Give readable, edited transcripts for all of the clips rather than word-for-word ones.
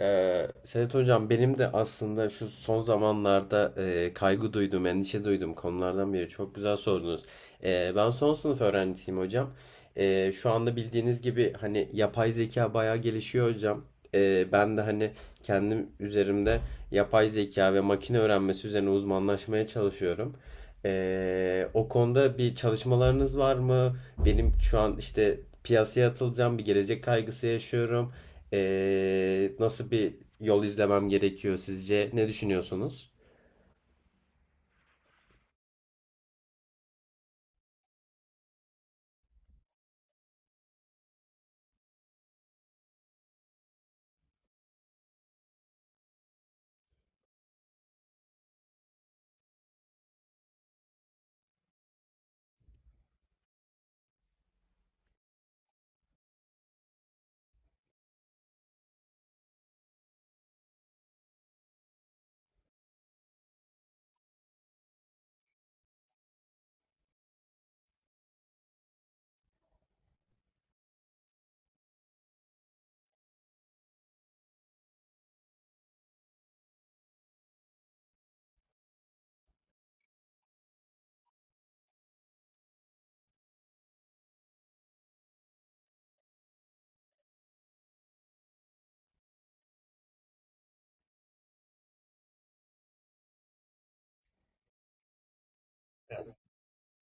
Sedat Hocam benim de aslında şu son zamanlarda kaygı duyduğum, endişe duyduğum konulardan biri. Çok güzel sordunuz. Ben son sınıf öğrencisiyim hocam. Şu anda bildiğiniz gibi hani yapay zeka bayağı gelişiyor hocam. Ben de hani kendim üzerimde yapay zeka ve makine öğrenmesi üzerine uzmanlaşmaya çalışıyorum. O konuda bir çalışmalarınız var mı? Benim şu an işte piyasaya atılacağım bir gelecek kaygısı yaşıyorum. Nasıl bir yol izlemem gerekiyor sizce? Ne düşünüyorsunuz?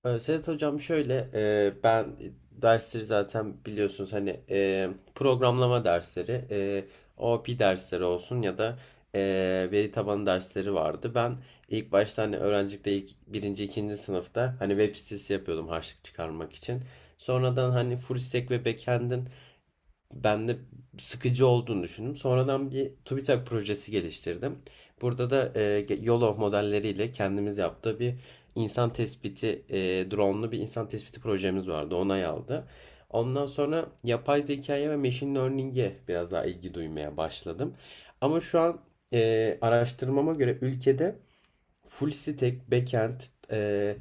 Sedat Hocam şöyle ben dersleri zaten biliyorsunuz hani programlama dersleri, OOP dersleri olsun ya da e, veri tabanı dersleri vardı. Ben ilk başta hani öğrencilikte ilk birinci, ikinci sınıfta hani web sitesi yapıyordum harçlık çıkarmak için. Sonradan hani full stack ve backend'in ben de sıkıcı olduğunu düşündüm. Sonradan bir TÜBİTAK projesi geliştirdim. Burada da YOLO modelleriyle kendimiz yaptığı bir insan tespiti, drone'lu bir insan tespiti projemiz vardı. Onay aldı. Ondan sonra yapay zekaya ve machine learning'e biraz daha ilgi duymaya başladım. Ama şu an araştırmama göre ülkede full stack, backend, e,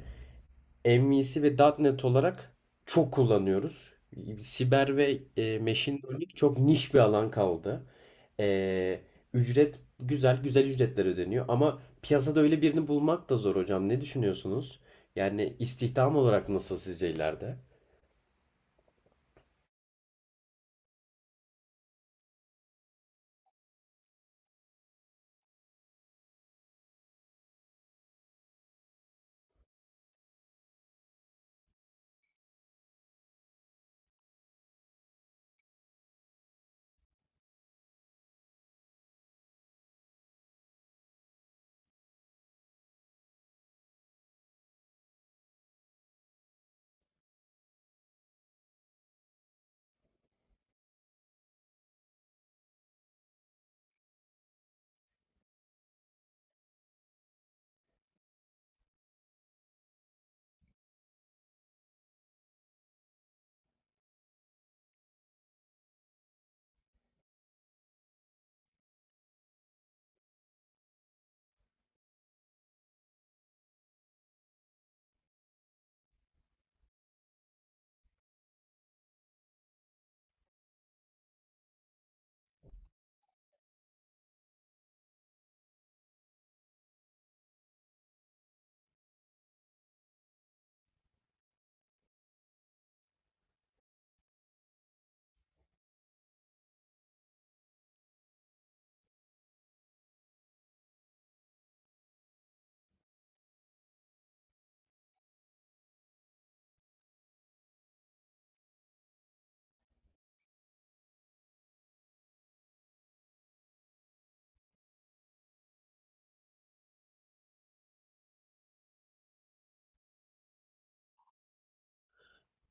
MVC ve .nokta .NET olarak çok kullanıyoruz. Siber ve machine learning çok niş bir alan kaldı. E, güzel ücretler ödeniyor ama piyasada öyle birini bulmak da zor hocam. Ne düşünüyorsunuz? Yani istihdam olarak nasıl sizce ileride?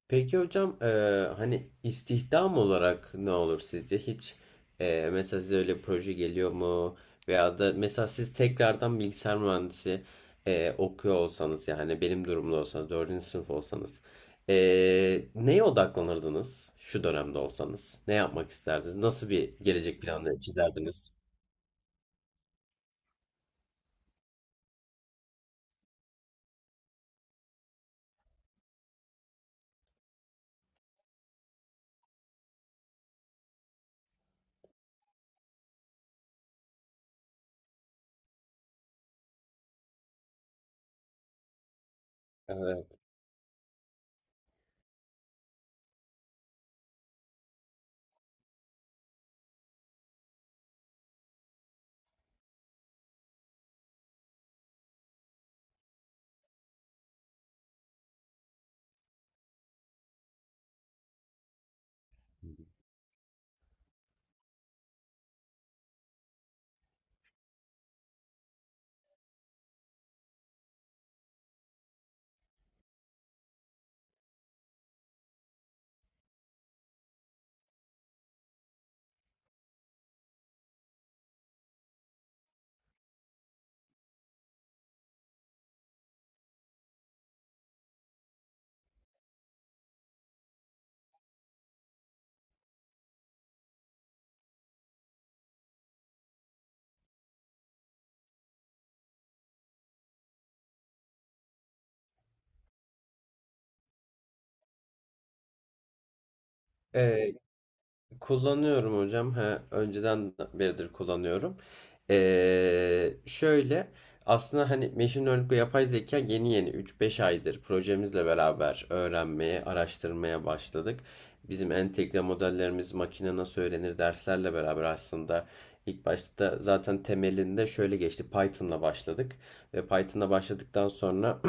Peki hocam hani istihdam olarak ne olur sizce? Hiç mesela size öyle bir proje geliyor mu? Veya da mesela siz tekrardan bilgisayar mühendisi okuyor olsanız yani benim durumda olsanız dördüncü sınıf olsanız neye odaklanırdınız şu dönemde olsanız? Ne yapmak isterdiniz? Nasıl bir gelecek planı çizerdiniz? Evet. Kullanıyorum hocam. Ha, önceden beridir kullanıyorum. Şöyle aslında hani machine learning ve yapay zeka yeni yeni 3-5 aydır projemizle beraber öğrenmeye, araştırmaya başladık. Bizim entegre modellerimiz makine nasıl öğrenir derslerle beraber aslında ilk başta zaten temelinde şöyle geçti. Python'la başladık ve Python'la başladıktan sonra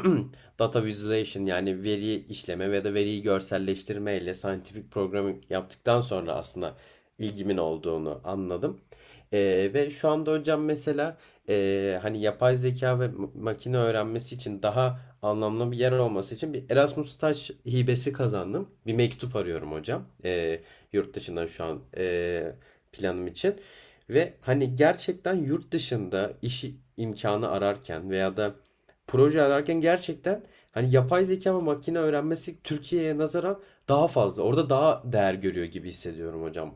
data visualization yani veri işleme ve de veriyi görselleştirme ile scientific programming yaptıktan sonra aslında ilgimin olduğunu anladım. Ve şu anda hocam mesela hani yapay zeka ve makine öğrenmesi için daha anlamlı bir yer olması için bir Erasmus staj hibesi kazandım. Bir mektup arıyorum hocam. Yurt dışından şu an planım için. Ve hani gerçekten yurt dışında iş imkanı ararken veya da proje ararken gerçekten hani yapay zeka ve makine öğrenmesi Türkiye'ye nazaran daha fazla. Orada daha değer görüyor gibi hissediyorum hocam.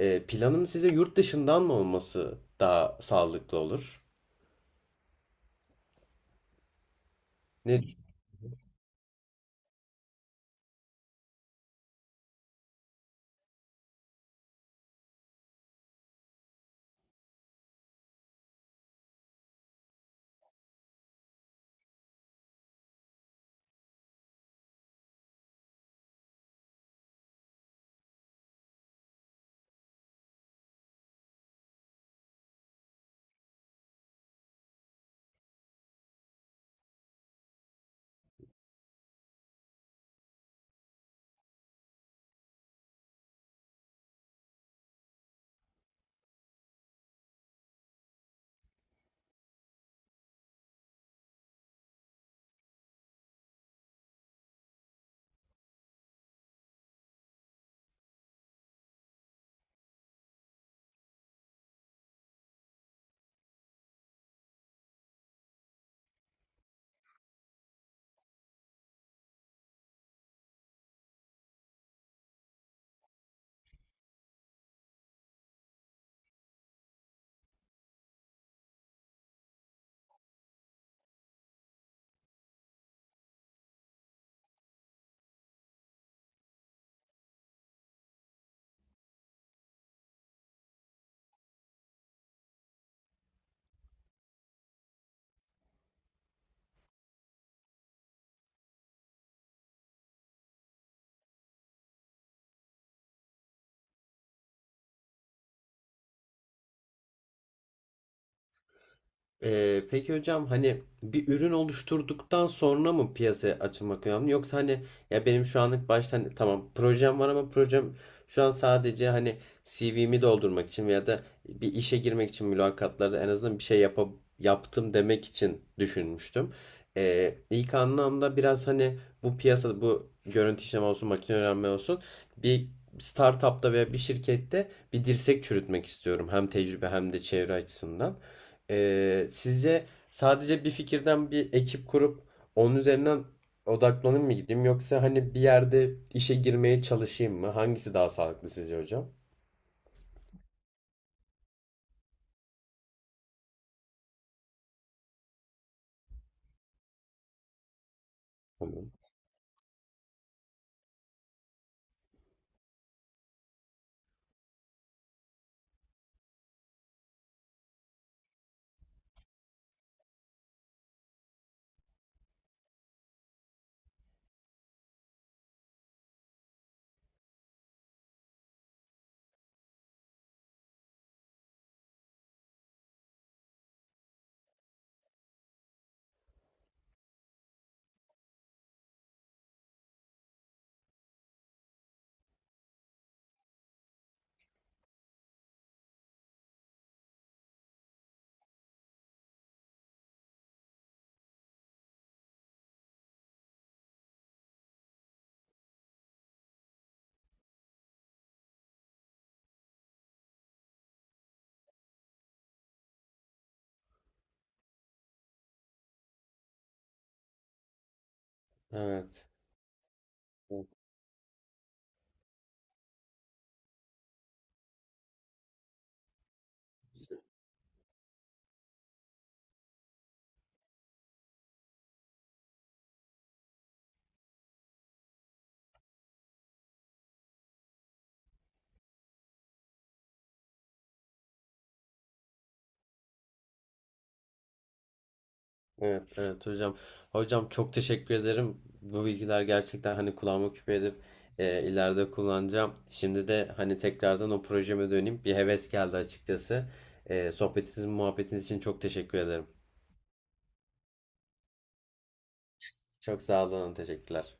Planım size yurt dışından mı olması daha sağlıklı olur? Ne peki hocam hani bir ürün oluşturduktan sonra mı piyasaya açılmak önemli yoksa hani ya benim şu anlık başta hani tamam projem var ama projem şu an sadece hani CV'mi doldurmak için veya da bir işe girmek için mülakatlarda en azından bir şey yapa, yaptım demek için düşünmüştüm. İlk anlamda biraz hani bu piyasada bu görüntü işleme olsun makine öğrenme olsun bir startupta veya bir şirkette bir dirsek çürütmek istiyorum hem tecrübe hem de çevre açısından. Sizce sadece bir fikirden bir ekip kurup onun üzerinden odaklanıp mı gideyim yoksa hani bir yerde işe girmeye çalışayım mı? Hangisi daha sağlıklı sizce hocam? Tamam. Evet. Evet, evet, evet hocam. Hocam çok teşekkür ederim. Bu bilgiler gerçekten hani kulağıma küpe edip ileride kullanacağım. Şimdi de hani tekrardan o projeme döneyim. Bir heves geldi açıkçası. Sohbetiniz, muhabbetiniz için çok teşekkür ederim. Çok sağ olun, teşekkürler.